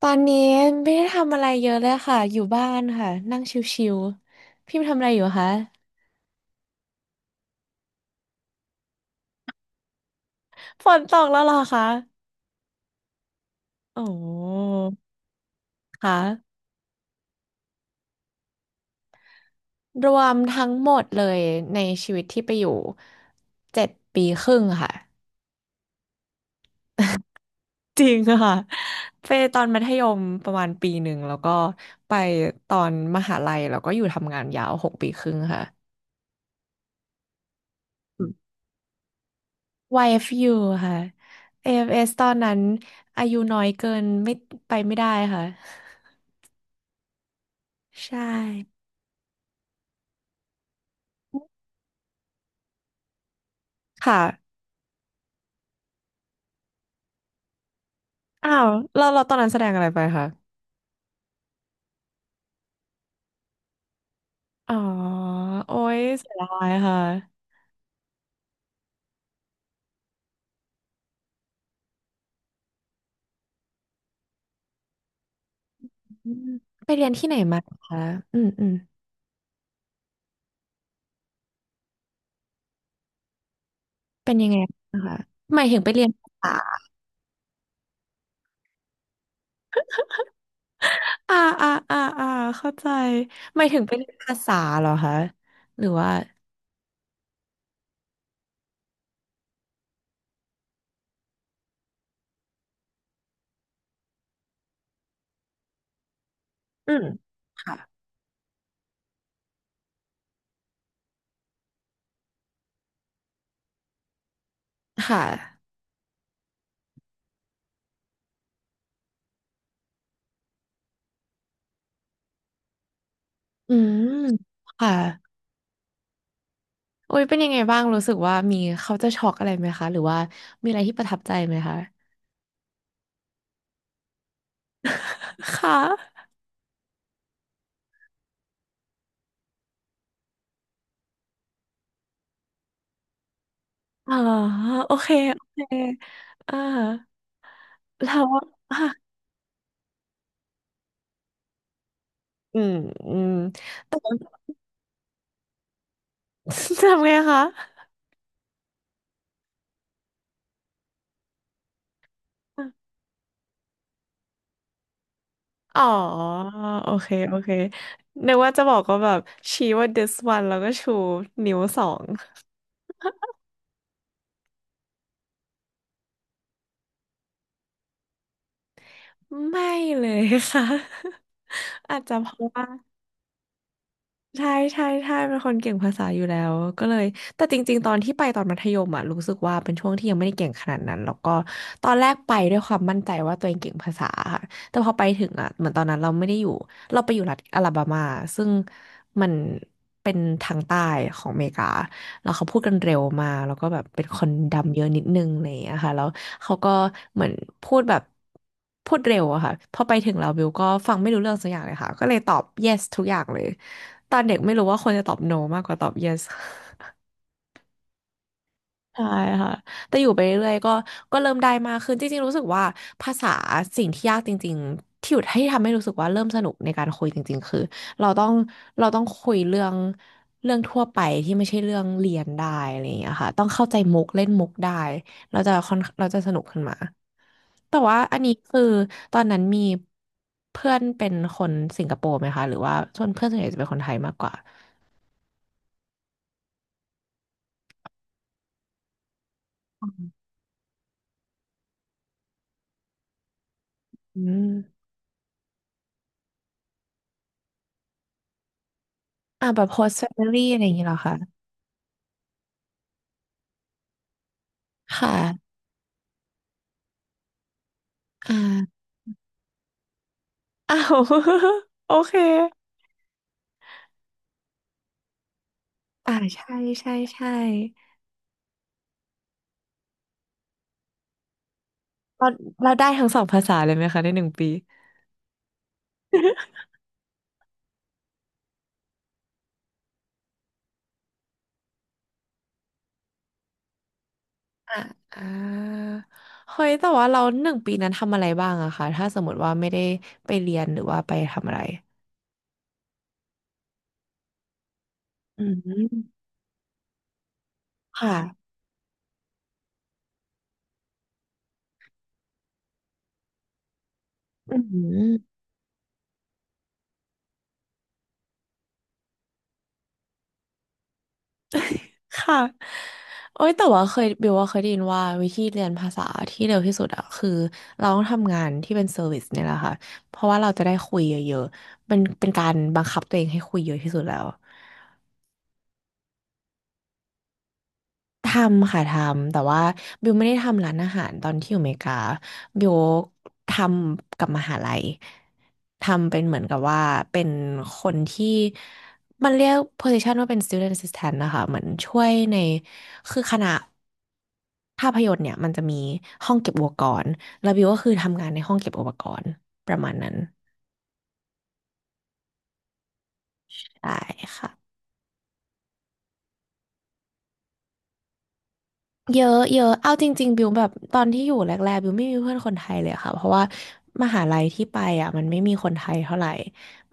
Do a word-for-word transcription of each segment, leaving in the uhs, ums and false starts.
ตอนนี้ไม่ได้ทำอะไรเยอะเลยค่ะอยู่บ้านค่ะนั่งชิวๆพี่ทำอะไรอยู่คะ ฝนตกแล้วเหรอคะโอ้ค่ะรวมทั้งหมดเลยในชีวิตที่ไปอยู่เจ็ดปีครึ่งค่ะจริงค่ะไปตอนมัธยมประมาณปีหนึ่งแล้วก็ไปตอนมหาลัยแล้วก็อยู่ทำงานยาวหกปีครึ่งค่ะ วาย เอฟ ยู ค่ะ เอ เอฟ เอส ตอนนั้นอายุน้อยเกินไม่ไปไม่ได้ค่ะ ใช่ค่ะอ้าวเราเราตอนนั้นแสดงอะไรไปคะอ๋อโอ้ยเสียดายค่ะอืมไปเรียนที่ไหนมาคะอืมอืมเป็นยังไงนะคะหมายถึงไปเรียนภาษาอ่าอ่าอ่าอ่าเข้าใจหมายถึงไปเรียนภาษาเหรอคะหรือว่าอืมค่ะค่ะอืมค่ะโอ้ยเป็นยังไงบ้างรู้สึกว่ามีเขาจะช็อกอะไรไหมคะหรือว่ามีอะไรที่ประทับใจไหมคะ ค่ะ อ๋อโอเคโอเคอ่าเราว่าอ่ะอืมอืม ทำไงคะอ๋อโอเคโอเคนึกว่าจะบอกก็แบบชี้ว่า this one แล้วก็ชูนิ้วสองไม่เลยค่ะ อาจจะเพราะว่า ใช่ใช่ใช่เป็นคนเก่งภาษาอยู่แล้วก็เลยแต่จริงๆตอนที่ไปตอนมัธยมอ่ะรู้สึกว่าเป็นช่วงที่ยังไม่ได้เก่งขนาดนั้นแล้วก็ตอนแรกไปด้วยความมั่นใจว่าตัวเองเก่งภาษาค่ะแต่พอไปถึงอ่ะเหมือนตอนนั้นเราไม่ได้อยู่เราไปอยู่รัฐอลาบามาซึ่งมันเป็นทางใต้ของอเมริกาแล้วเขาพูดกันเร็วมากแล้วก็แบบเป็นคนดำเยอะนิดนึงอะไรอย่างเลยอะค่ะแล้วเขาก็เหมือนพูดแบบพูดเร็วอะค่ะพอไปถึงเราบิวก็ฟังไม่รู้เรื่องสักอย่างเลยค่ะก็เลยตอบ yes ทุกอย่างเลย ตอนเด็กไม่รู้ว่าควรจะตอบ no มากกว่าตอบ yes ใช่ค่ะแต่อยู่ไปเรื่อยๆก็ก็เริ่มได้มากขึ้นจริงๆรู้สึกว่าภาษาสิ่งที่ยากจริงๆที่อยู่ให้ทำให้รู้สึกว่าเริ่มสนุกในการคุยจริงๆคือเราต้องเราต้องคุยเรื่องเรื่องทั่วไปที่ไม่ใช่เรื่องเรียนได้อะไรอย่างเงี้ยค่ะต้องเข้าใจมุกเล่นมุกได้เราจะค่อนเราจะสนุกขึ้นมาแต่ว่าอันนี้คือตอนนั้นมีเพื่อนเป็นคนสิงคโปร์ไหมคะหรือว่าส่วนเพื่อนส่วนใหญ่จะเป็นคนไทยมากกว่าอืม อ่าแบบ host family อะไรอย่างงี้เหรอคะค่ะ อ่าอ้าว โอเค อ่าใช่ใช่ใช่เราเราได้ทั้งสองภาษาเลยไหมคะในหนึ่งปี อ่าอ่าเฮ้ยแต่ว่าเราหนึ่งปีนั้นทำอะไรบ้างอะคะถ้าสมมติว่าไม่ได้ไปเรียนหรือว่าไปทำอะไร อืม ค่ะ อืม ค่ะโอ้ย แต่ว่าเคยบิวว่าเคยได้ยินว่าวิธีเรียนภาษาที่เร็วที่สุดอะคือเราต้องทำงานที่เป็นเซอร์วิสเนี่ยแหละค่ะ เพราะว่าเราจะได้คุยเยอะๆเป็นเป็นการบังคับตัวเองให้คุยเยอะที่สุดแล้ว ทำค่ะทำแต่ว่าบิวไม่ได้ทำร้านอาหารตอนที่อยู่อเมริกาบิวทำกับมหาลัยทำเป็นเหมือนกับว่าเป็นคนที่มันเรียก position ว่าเป็น student assistant นะคะเหมือนช่วยในคือคณะภาพยนตร์เนี่ยมันจะมีห้องเก็บอุปกรณ์แล้วบิวก็คือทำงานในห้องเก็บอุปกรณ์ประมาณนั้นได้ค่ะ เยอะเยอะเอาจริงๆ บิวแบบตอนที่อยู่แรกๆบิวไม่มีเพื่อนคนไทยเลยค่ะเพราะว่ามหาลัยที่ไปอ่ะมันไม่มีคนไทยเท่าไหร่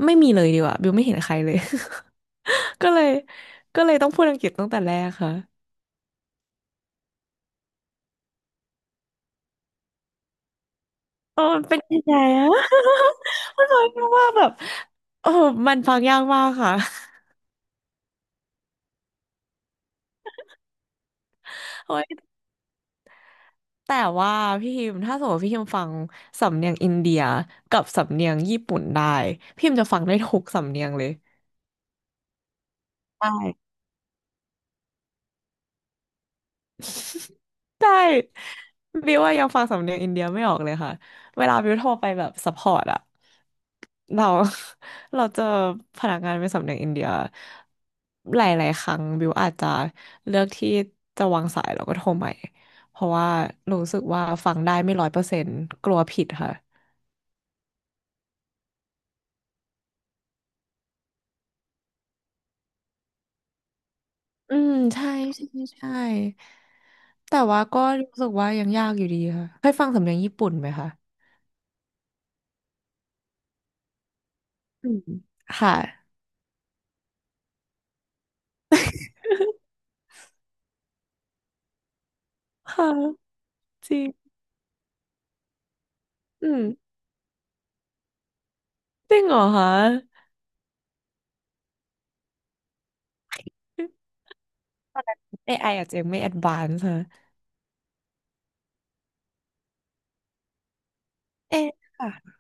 ไม่มีเลยดีกว่าบิวไม่เห็นใครเลย ก็เลยก็เลยต้องพูดอังกฤษตั้งแต่แรกค่ะเออมันเป็นยังไงอะ มันฟังยากมาแบบเออมันฟังยากมากค่ะ โอ้ยแต่ว่าพี่ฮิมถ้าสมมติว่าพี่ฮิมฟังสำเนียงอินเดียกับสำเนียงญี่ปุ่นได้พี่ฮิมจะฟังได้ทุกสำเนียงเลยใช่ ใช่บิวว่ายังฟังสำเนียงอินเดียไม่ออกเลยค่ะเวลาบิวโทรไปแบบซัพพอร์ตอะเรา เราเจอพนักงานเป็นสำเนียงอินเดียหลายๆครั้งบิวอาจจะเลือกที่จะวางสายแล้วก็โทรใหม่เพราะว่ารู้สึกว่าฟังได้ไม่ร้อยเปอร์เซ็นต์กลัวผิดค่ะอืมใช่ใช่ใช่แต่ว่าก็รู้สึกว่ายังยากอยู่ดีค่ะเคยฟังสำเนียงญี่ปุ่นไหมคะอืมค่ะค่ะจริงอืม จริงเหรอคะ เอ ไอ อไออาจจะยังไม่แอด v านซ e d ฮะเอ๊ะค่ะ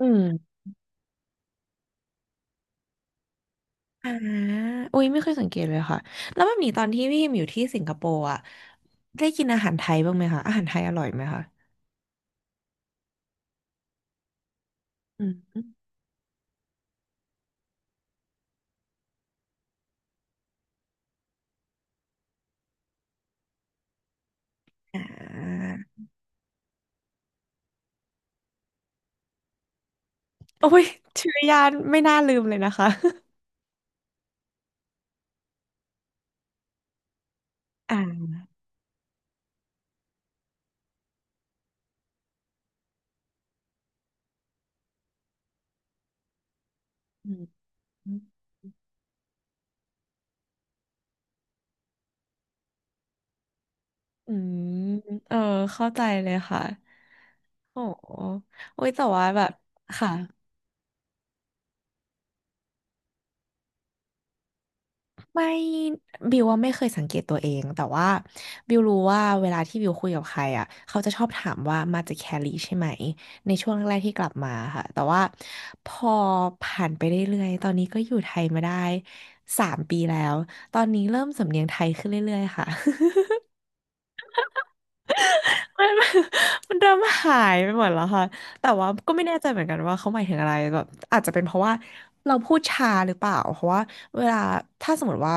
อืมอ่าอุ้ยไม่เคยสังเกตเลยค่ะแล้วแบบนี้ตอนที่พี่พิมอยู่ที่สิงคโปร์อะได้กินอาหารไทยบ้างไหมคะอาหารไทยอร่อยไหมคะอืมอ่าโอ้ยชื่อยานไม่น่าลืมเลยนะคะอ่าอืมอืมเออเข้าใจเลยค่ะโอ้โหโอ้ยแต่ว่าแบบค่ะ ไม่บิวว่าไม่เคยสังเกตตัวเองแต่ว่าบิวรู้ว่าเวลาที่บิวคุยกับใครอ่ะเขาจะชอบถามว่ามาจากแคลิใช่ไหมในช่วงแรกๆที่กลับมาค่ะแต่ว่าพอผ่านไปเรื่อยๆตอนนี้ก็อยู่ไทยมาได้สามปีแล้วตอนนี้เริ่มสำเนียงไทยขึ้นเรื่อยๆค่ะ มัน มันเริ่มหายไปหมดแล้วค่ะแต่ว่าก็ไม่แน่ใจเหมือนกันว่าเขาหมายถึงอะไรแบบอาจจะเป็นเพราะว่าเราพูดช้าหรือเปล่าเพราะว่าเวลาถ้าสมมติว่า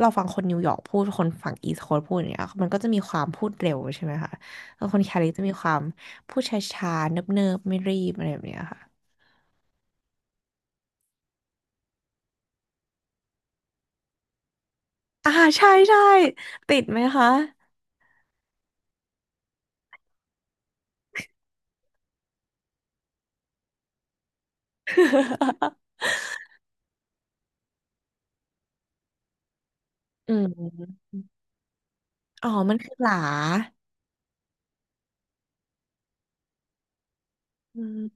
เราฟังคนนิวยอร์กพูดคนฝั่งอีสต์โคสต์พูดอย่างเงี้ยมันก็จะมีความพูดเร็วใช่ไหมคะแล้วคนแคลิฟจะมีความพูดช้าๆเนิบๆไม่รีบอะไรแบบเนี้ยค่ะอ่าใช่ใช่ติดไหมคะ อืมอ๋อมันคือหลาอืม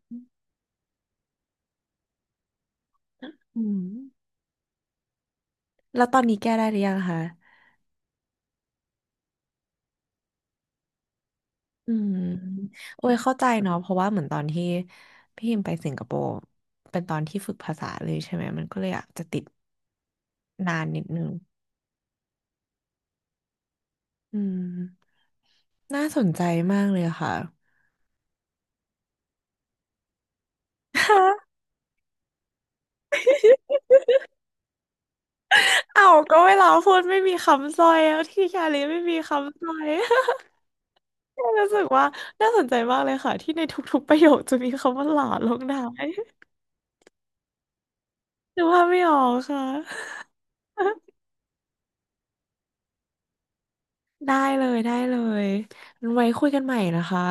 อืมแล้วตอนนี้แก้ได้หรือยังคะ อืมโอ้ยเข้าใจเนาะเพราะว่าเหมือนตอนที่พี่พิมไปสิงคโปร์เป็นตอนที่ฝึกภาษาเลยใช่ไหมมันก็เลยอาจจะติดนานนิดนึงอืมน่าสนใจมากเลยค่ะ ฮะเอ้าก็เวลาพูดไม่มีคำสร้อยแลที่ชาลีไม่มีคำสร้อย รู้สึกว่าน่าสนใจมากเลยค่ะที่ในทุกๆประโยคจะมีคำว่าหลาลงท้ายหรือว่าไม่ออกค่ะ ได้เลยได้เลยงั้นไว้คุยกันใหม่นะคะ